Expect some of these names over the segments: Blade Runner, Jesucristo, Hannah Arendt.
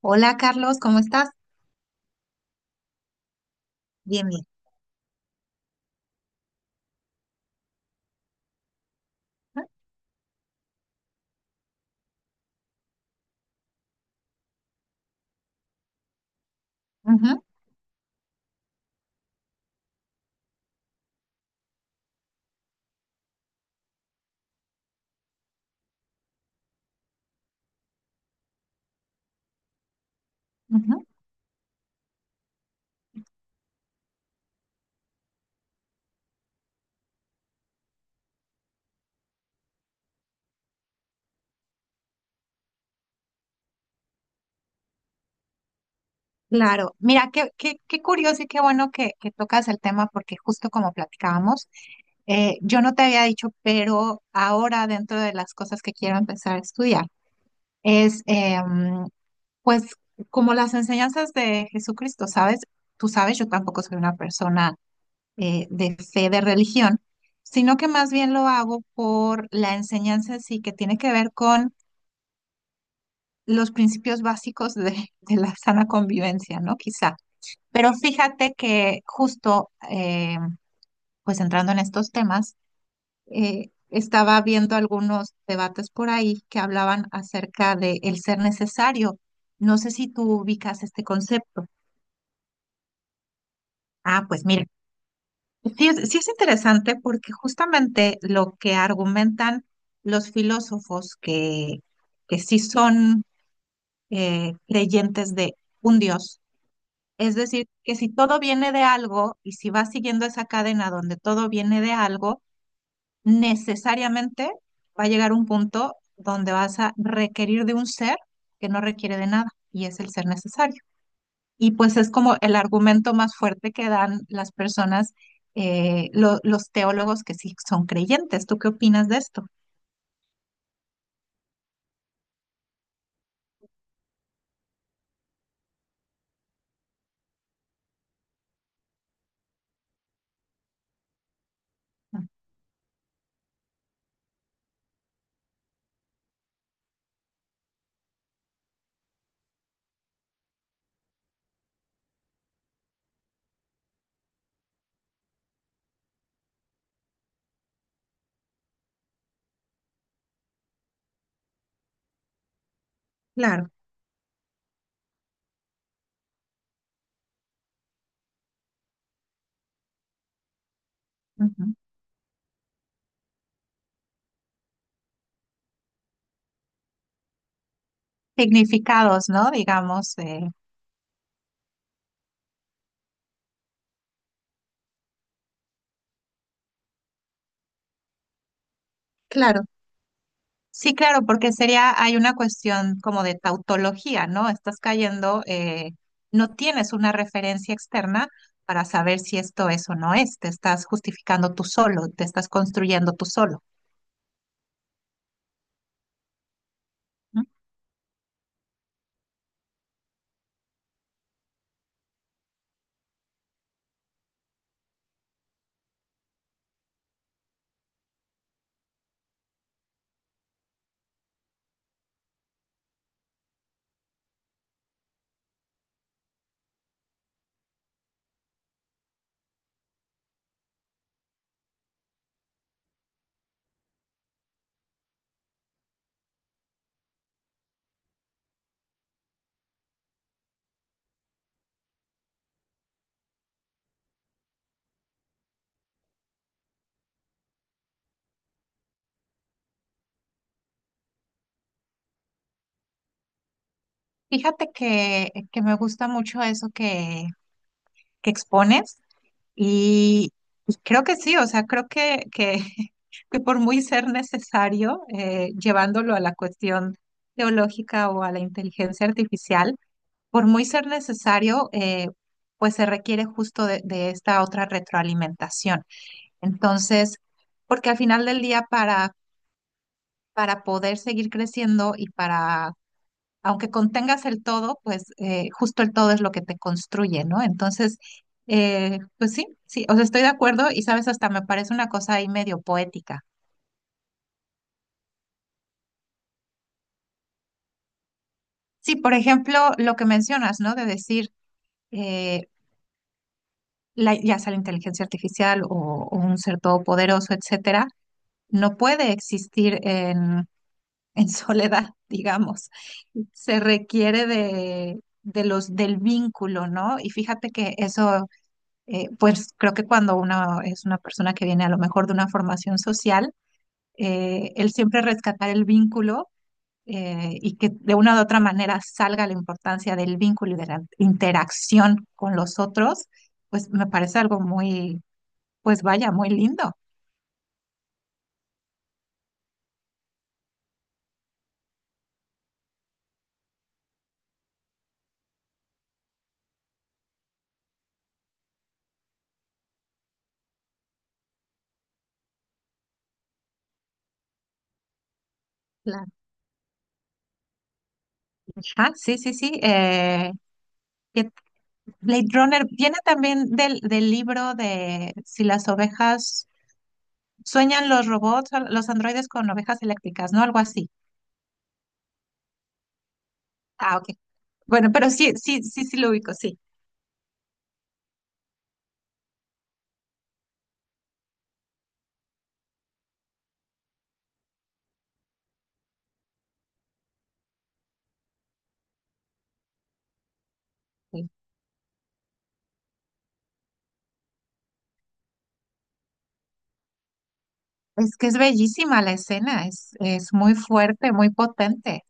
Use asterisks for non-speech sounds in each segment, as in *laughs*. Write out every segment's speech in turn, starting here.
Hola Carlos, ¿cómo estás? Bien, bien. Ujú, ujú. Claro, mira, qué curioso y qué bueno que tocas el tema porque justo como platicábamos, yo no te había dicho, pero ahora dentro de las cosas que quiero empezar a estudiar es pues como las enseñanzas de Jesucristo, ¿sabes? Tú sabes, yo tampoco soy una persona de fe, de religión, sino que más bien lo hago por la enseñanza en sí que tiene que ver con los principios básicos de la sana convivencia, ¿no? Quizá. Pero fíjate que justo, pues entrando en estos temas, estaba viendo algunos debates por ahí que hablaban acerca de el ser necesario. No sé si tú ubicas este concepto. Ah, pues mira, sí es interesante porque justamente lo que argumentan los filósofos que sí son creyentes de un Dios. Es decir, que si todo viene de algo y si vas siguiendo esa cadena donde todo viene de algo, necesariamente va a llegar un punto donde vas a requerir de un ser que no requiere de nada y es el ser necesario. Y pues es como el argumento más fuerte que dan las personas, los teólogos que sí son creyentes. ¿Tú qué opinas de esto? Claro. Ujú. Significados, ¿no? Digamos, claro. Sí, claro, porque sería, hay una cuestión como de tautología, ¿no? Estás cayendo, no tienes una referencia externa para saber si esto es o no es, te estás justificando tú solo, te estás construyendo tú solo. ¿No? Fíjate que me gusta mucho eso que expones y, y creo que sí, o sea, creo que *laughs* que por muy ser necesario, llevándolo a la cuestión teológica o a la inteligencia artificial, por muy ser necesario, pues se requiere justo de esta otra retroalimentación. Entonces, porque al final del día para poder seguir creciendo y para, aunque contengas el todo, pues justo el todo es lo que te construye, ¿no? Entonces, pues sí, sí, o sea, estoy de acuerdo y sabes, hasta me parece una cosa ahí medio poética. Sí, por ejemplo, lo que mencionas, ¿no? De decir eh, ya sea la inteligencia artificial o un ser todopoderoso, etcétera, no puede existir en *laughs* soledad, digamos. Se requiere de los, del vínculo, ¿no? Y fíjate que eso, pues creo que cuando uno es una persona que viene a lo mejor de una formación social, el siempre rescatar el vínculo y que de una u otra manera salga la importancia del vínculo y de la interacción con los otros, pues me parece algo muy, pues vaya, muy lindo. Claro. Ah, sí, sí, sí. ¿Qué, Blade Runner viene también del, del libro de si las ovejas sueñan los robots, o los androides con ovejas eléctricas, ¿no? Algo así. Ah, ok. Bueno, pero sí, sí, sí, sí lo ubico, sí. Sí. Es que es bellísima la escena, es muy fuerte, muy potente.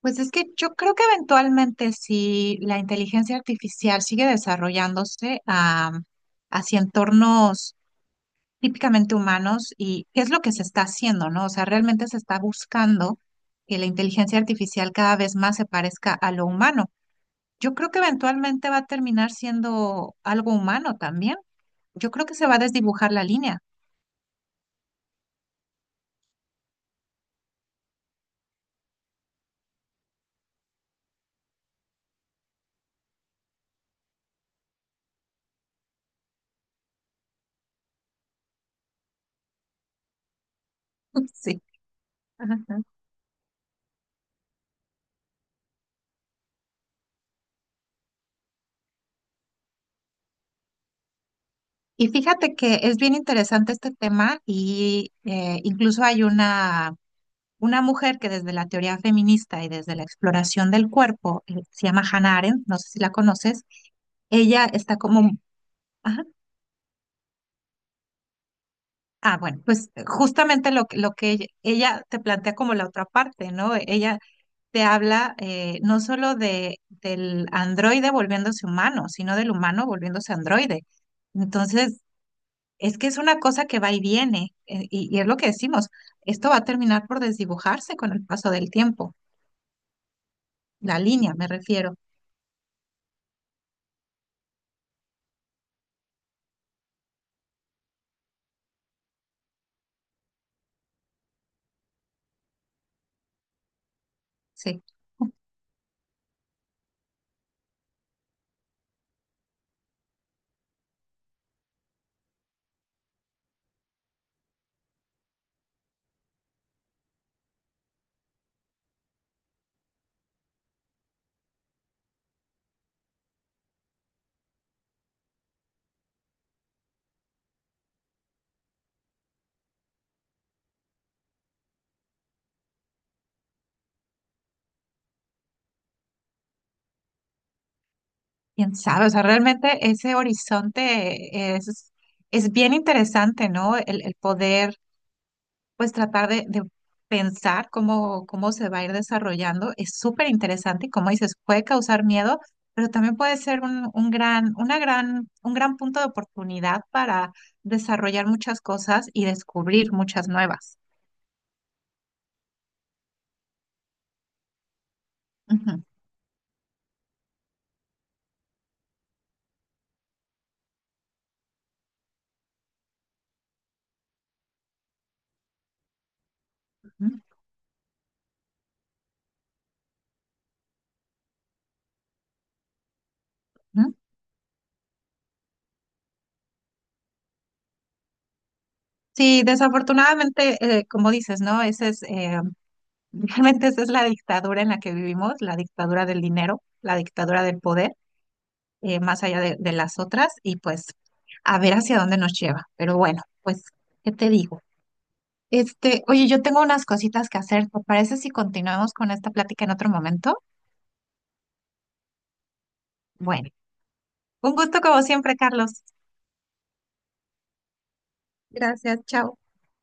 Pues es que yo creo que eventualmente si la inteligencia artificial sigue desarrollándose hacia entornos típicamente humanos y qué es lo que se está haciendo, ¿no? O sea, realmente se está buscando que la inteligencia artificial cada vez más se parezca a lo humano. Yo creo que eventualmente va a terminar siendo algo humano también. Yo creo que se va a desdibujar la línea. *laughs* Sí. Ajá. Y fíjate que es bien interesante este tema y incluso hay una mujer que desde la teoría feminista y desde la exploración del cuerpo, se llama Hannah Arendt, no sé si la conoces, ella está como... Ajá. Ah, bueno, pues justamente lo que ella te plantea como la otra parte, ¿no? Ella te habla no solo de, del androide volviéndose humano, sino del humano volviéndose androide. Entonces, es que es una cosa que va y viene, y es lo que decimos, esto va a terminar por desdibujarse con el paso del tiempo, la línea me refiero, sí. Quién sabe, o sea, realmente ese horizonte es bien interesante, ¿no? El poder pues tratar de pensar cómo, cómo se va a ir desarrollando es súper interesante y como dices, puede causar miedo, pero también puede ser un gran, una gran, un gran punto de oportunidad para desarrollar muchas cosas y descubrir muchas nuevas. Ujú, ujú, ujú. Sí, desafortunadamente, como dices, ¿no? Ese es, *laughs* realmente esa es la dictadura en la que vivimos, la dictadura del dinero, la dictadura del poder. Más allá de las otras y pues a ver hacia dónde nos lleva. Pero bueno, pues, ¿qué te digo? Este, oye, yo tengo unas cositas que hacer. ¿Te parece si continuamos con esta plática en otro momento? Bueno, un gusto como siempre, Carlos. Gracias, chao.